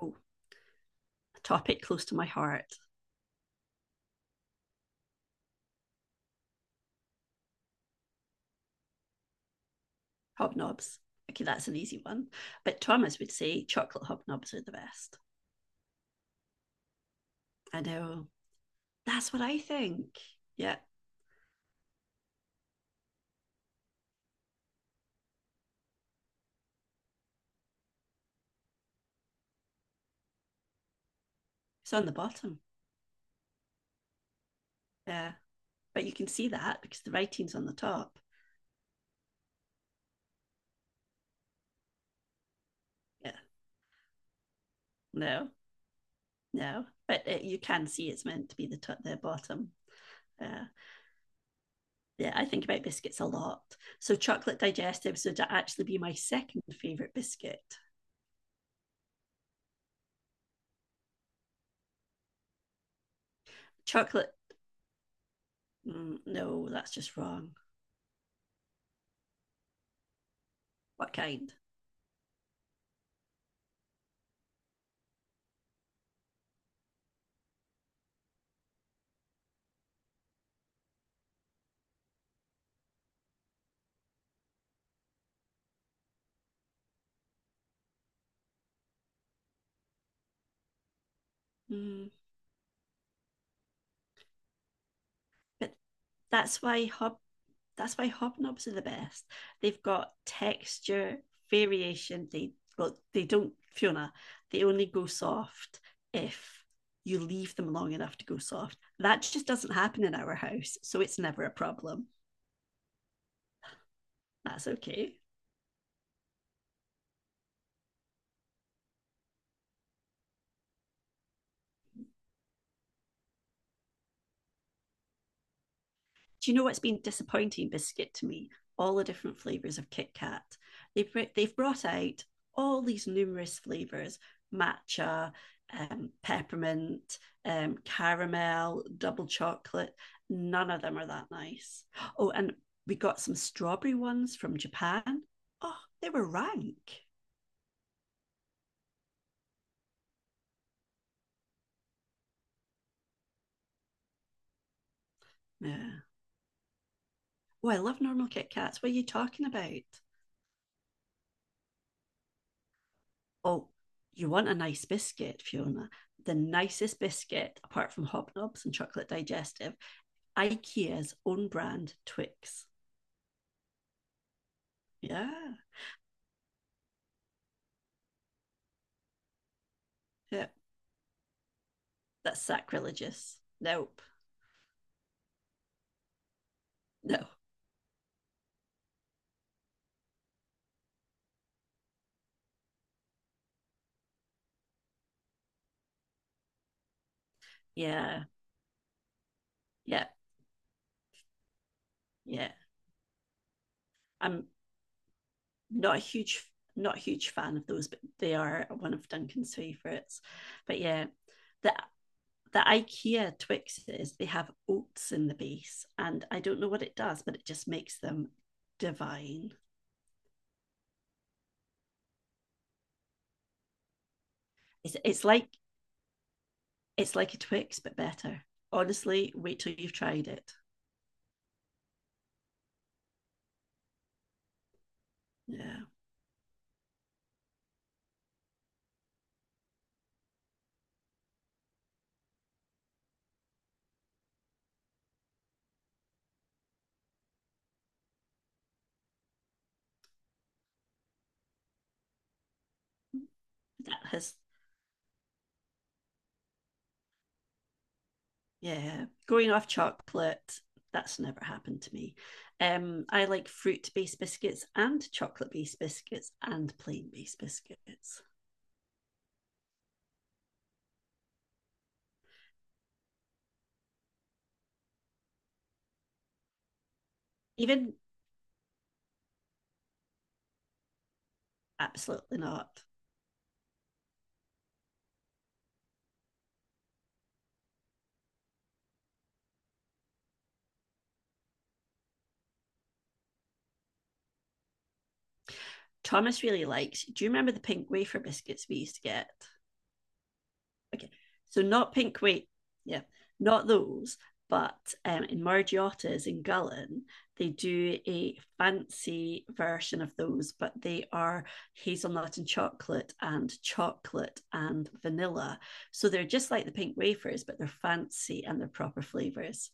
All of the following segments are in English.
Oh, a topic close to my heart hobnobs. Okay, that's an easy one. But Thomas would say chocolate hobnobs are the best. I know. That's what I think. Yeah, it's on the bottom. Yeah, but you can see that because the writing's on the top. Yeah, no, no, but you can see it's meant to be the top, the bottom. Yeah. Yeah, I think about biscuits a lot. So chocolate digestives would actually be my second favorite biscuit. Chocolate, no, that's just wrong. What kind? Mm, but that's why hob that's why hobnobs are the best. They've got texture variation. They well, they don't Fiona. They only go soft if you leave them long enough to go soft. That just doesn't happen in our house, so it's never a problem. That's okay. Do you know what's been disappointing, Biscuit, to me? All the different flavors of Kit Kat. They've brought out all these numerous flavors matcha, peppermint, caramel, double chocolate. None of them are that nice. Oh, and we got some strawberry ones from Japan. Oh, they were rank. Yeah. Oh, I love normal Kit Kats. What are you talking about? Oh, you want a nice biscuit, Fiona. The nicest biscuit, apart from Hobnobs and Chocolate Digestive, IKEA's own brand Twix. Yeah, yeah, that's sacrilegious. Nope, no, yeah, yeah, yeah. I'm not a huge, not a huge fan of those, but they are one of Duncan's favourites. But yeah, the the IKEA Twixes they have oats in the base, and I don't know what it does, but it just makes them divine. It's, it's like it's like a Twix but better. Honestly, wait till you've tried it. Yeah, that has yeah. Going off chocolate, that's never happened to me. I like fruit based biscuits and chocolate based biscuits and plain based biscuits. Even absolutely not. Thomas really likes. Do you remember the pink wafer biscuits we used to get? Okay. So not pink wheat. Yeah. Not those. But in Margiotta's in Gullin, they do a fancy version of those, but they are hazelnut and chocolate and chocolate and vanilla. So they're just like the pink wafers, but they're fancy and they're proper flavors.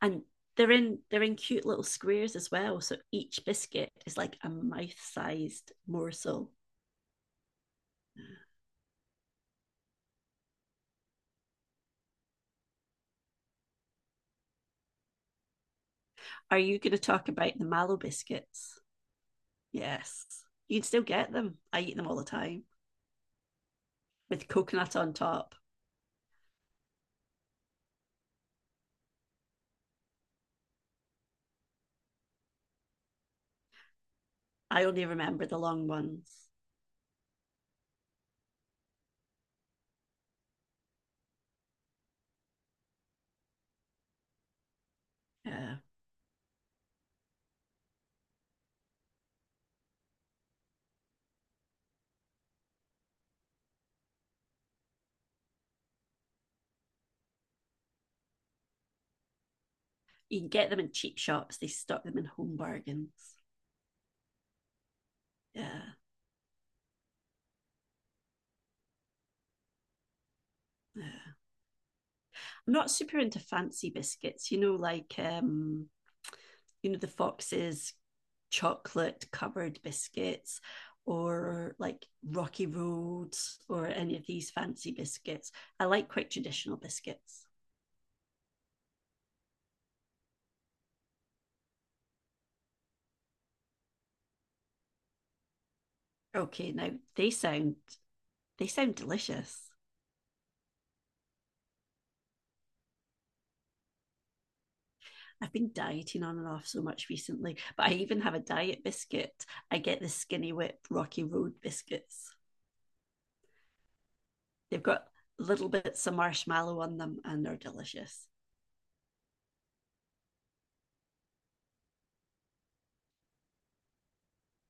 And they're in cute little squares as well. So each biscuit is like a mouth-sized morsel. Are you going to talk about the mallow biscuits? Yes. You can still get them. I eat them all the time with coconut on top. I only remember the long ones. Yeah. You can get them in cheap shops. They stock them in home bargains. Yeah. Yeah. I'm not super into fancy biscuits, you know, like you know, the foxes chocolate covered biscuits or like Rocky Roads or any of these fancy biscuits. I like quite traditional biscuits. Okay, now they sound delicious. I've been dieting on and off so much recently, but I even have a diet biscuit. I get the Skinny Whip Rocky Road biscuits. They've got little bits of marshmallow on them and they're delicious.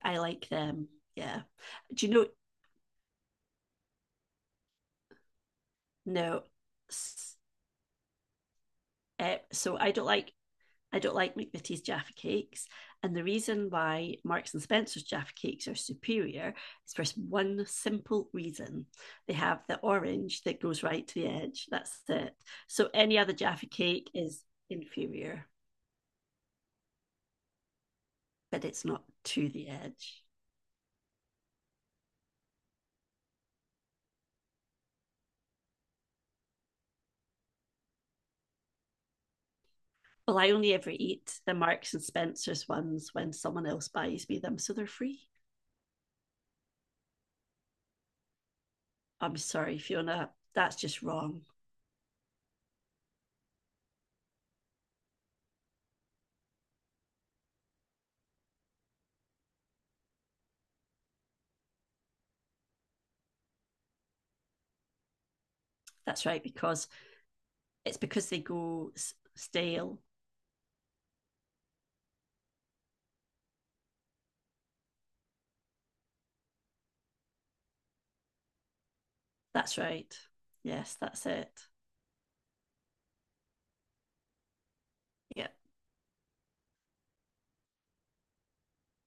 I like them. Yeah. Do you know? No. S- so I don't like McVitie's Jaffa cakes. And the reason why Marks and Spencer's Jaffa cakes are superior is for one simple reason. They have the orange that goes right to the edge. That's it. So any other Jaffa cake is inferior, but it's not to the edge. Well, I only ever eat the Marks and Spencer's ones when someone else buys me them, so they're free. I'm sorry, Fiona, that's just wrong. That's right, because it's because they go stale. That's right. Yes, that's it. Yeah,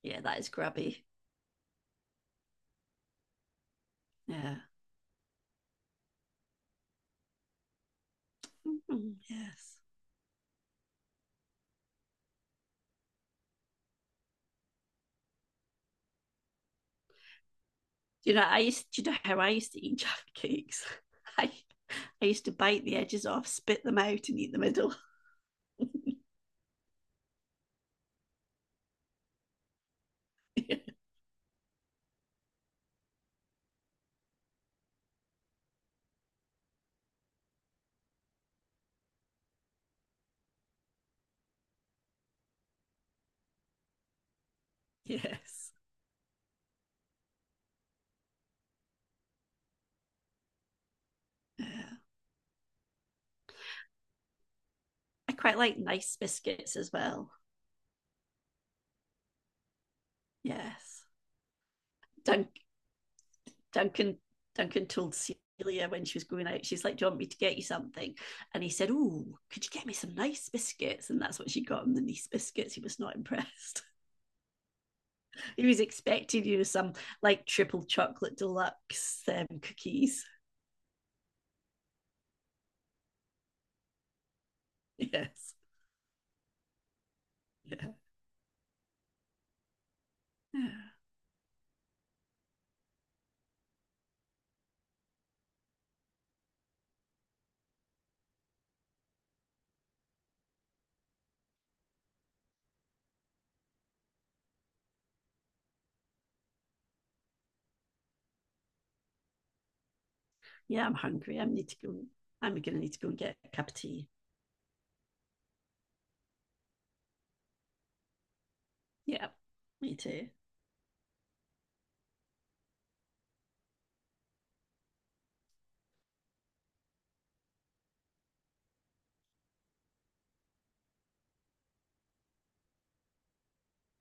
yeah, that is grubby. Yeah. Mm, yes. Do you know I used? Do you know how I used to eat Jaffa cakes? I I used to bite the edges off, spit them out, and eat the middle. Yeah. Yes. Yeah. I quite like nice biscuits as well. Yes. Dun- Duncan Duncan told Celia when she was going out, she's like, "Do you want me to get you something?" And he said, "Oh, could you get me some nice biscuits?" And that's what she got him the nice biscuits. He was not impressed. He was expecting you know some like triple chocolate deluxe cookies. Yes. Yeah. Yeah, I'm hungry. I need to go. I'm gonna need to go and get a cup of tea. Yeah, me too.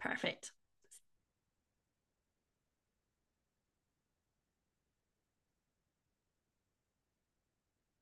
Perfect.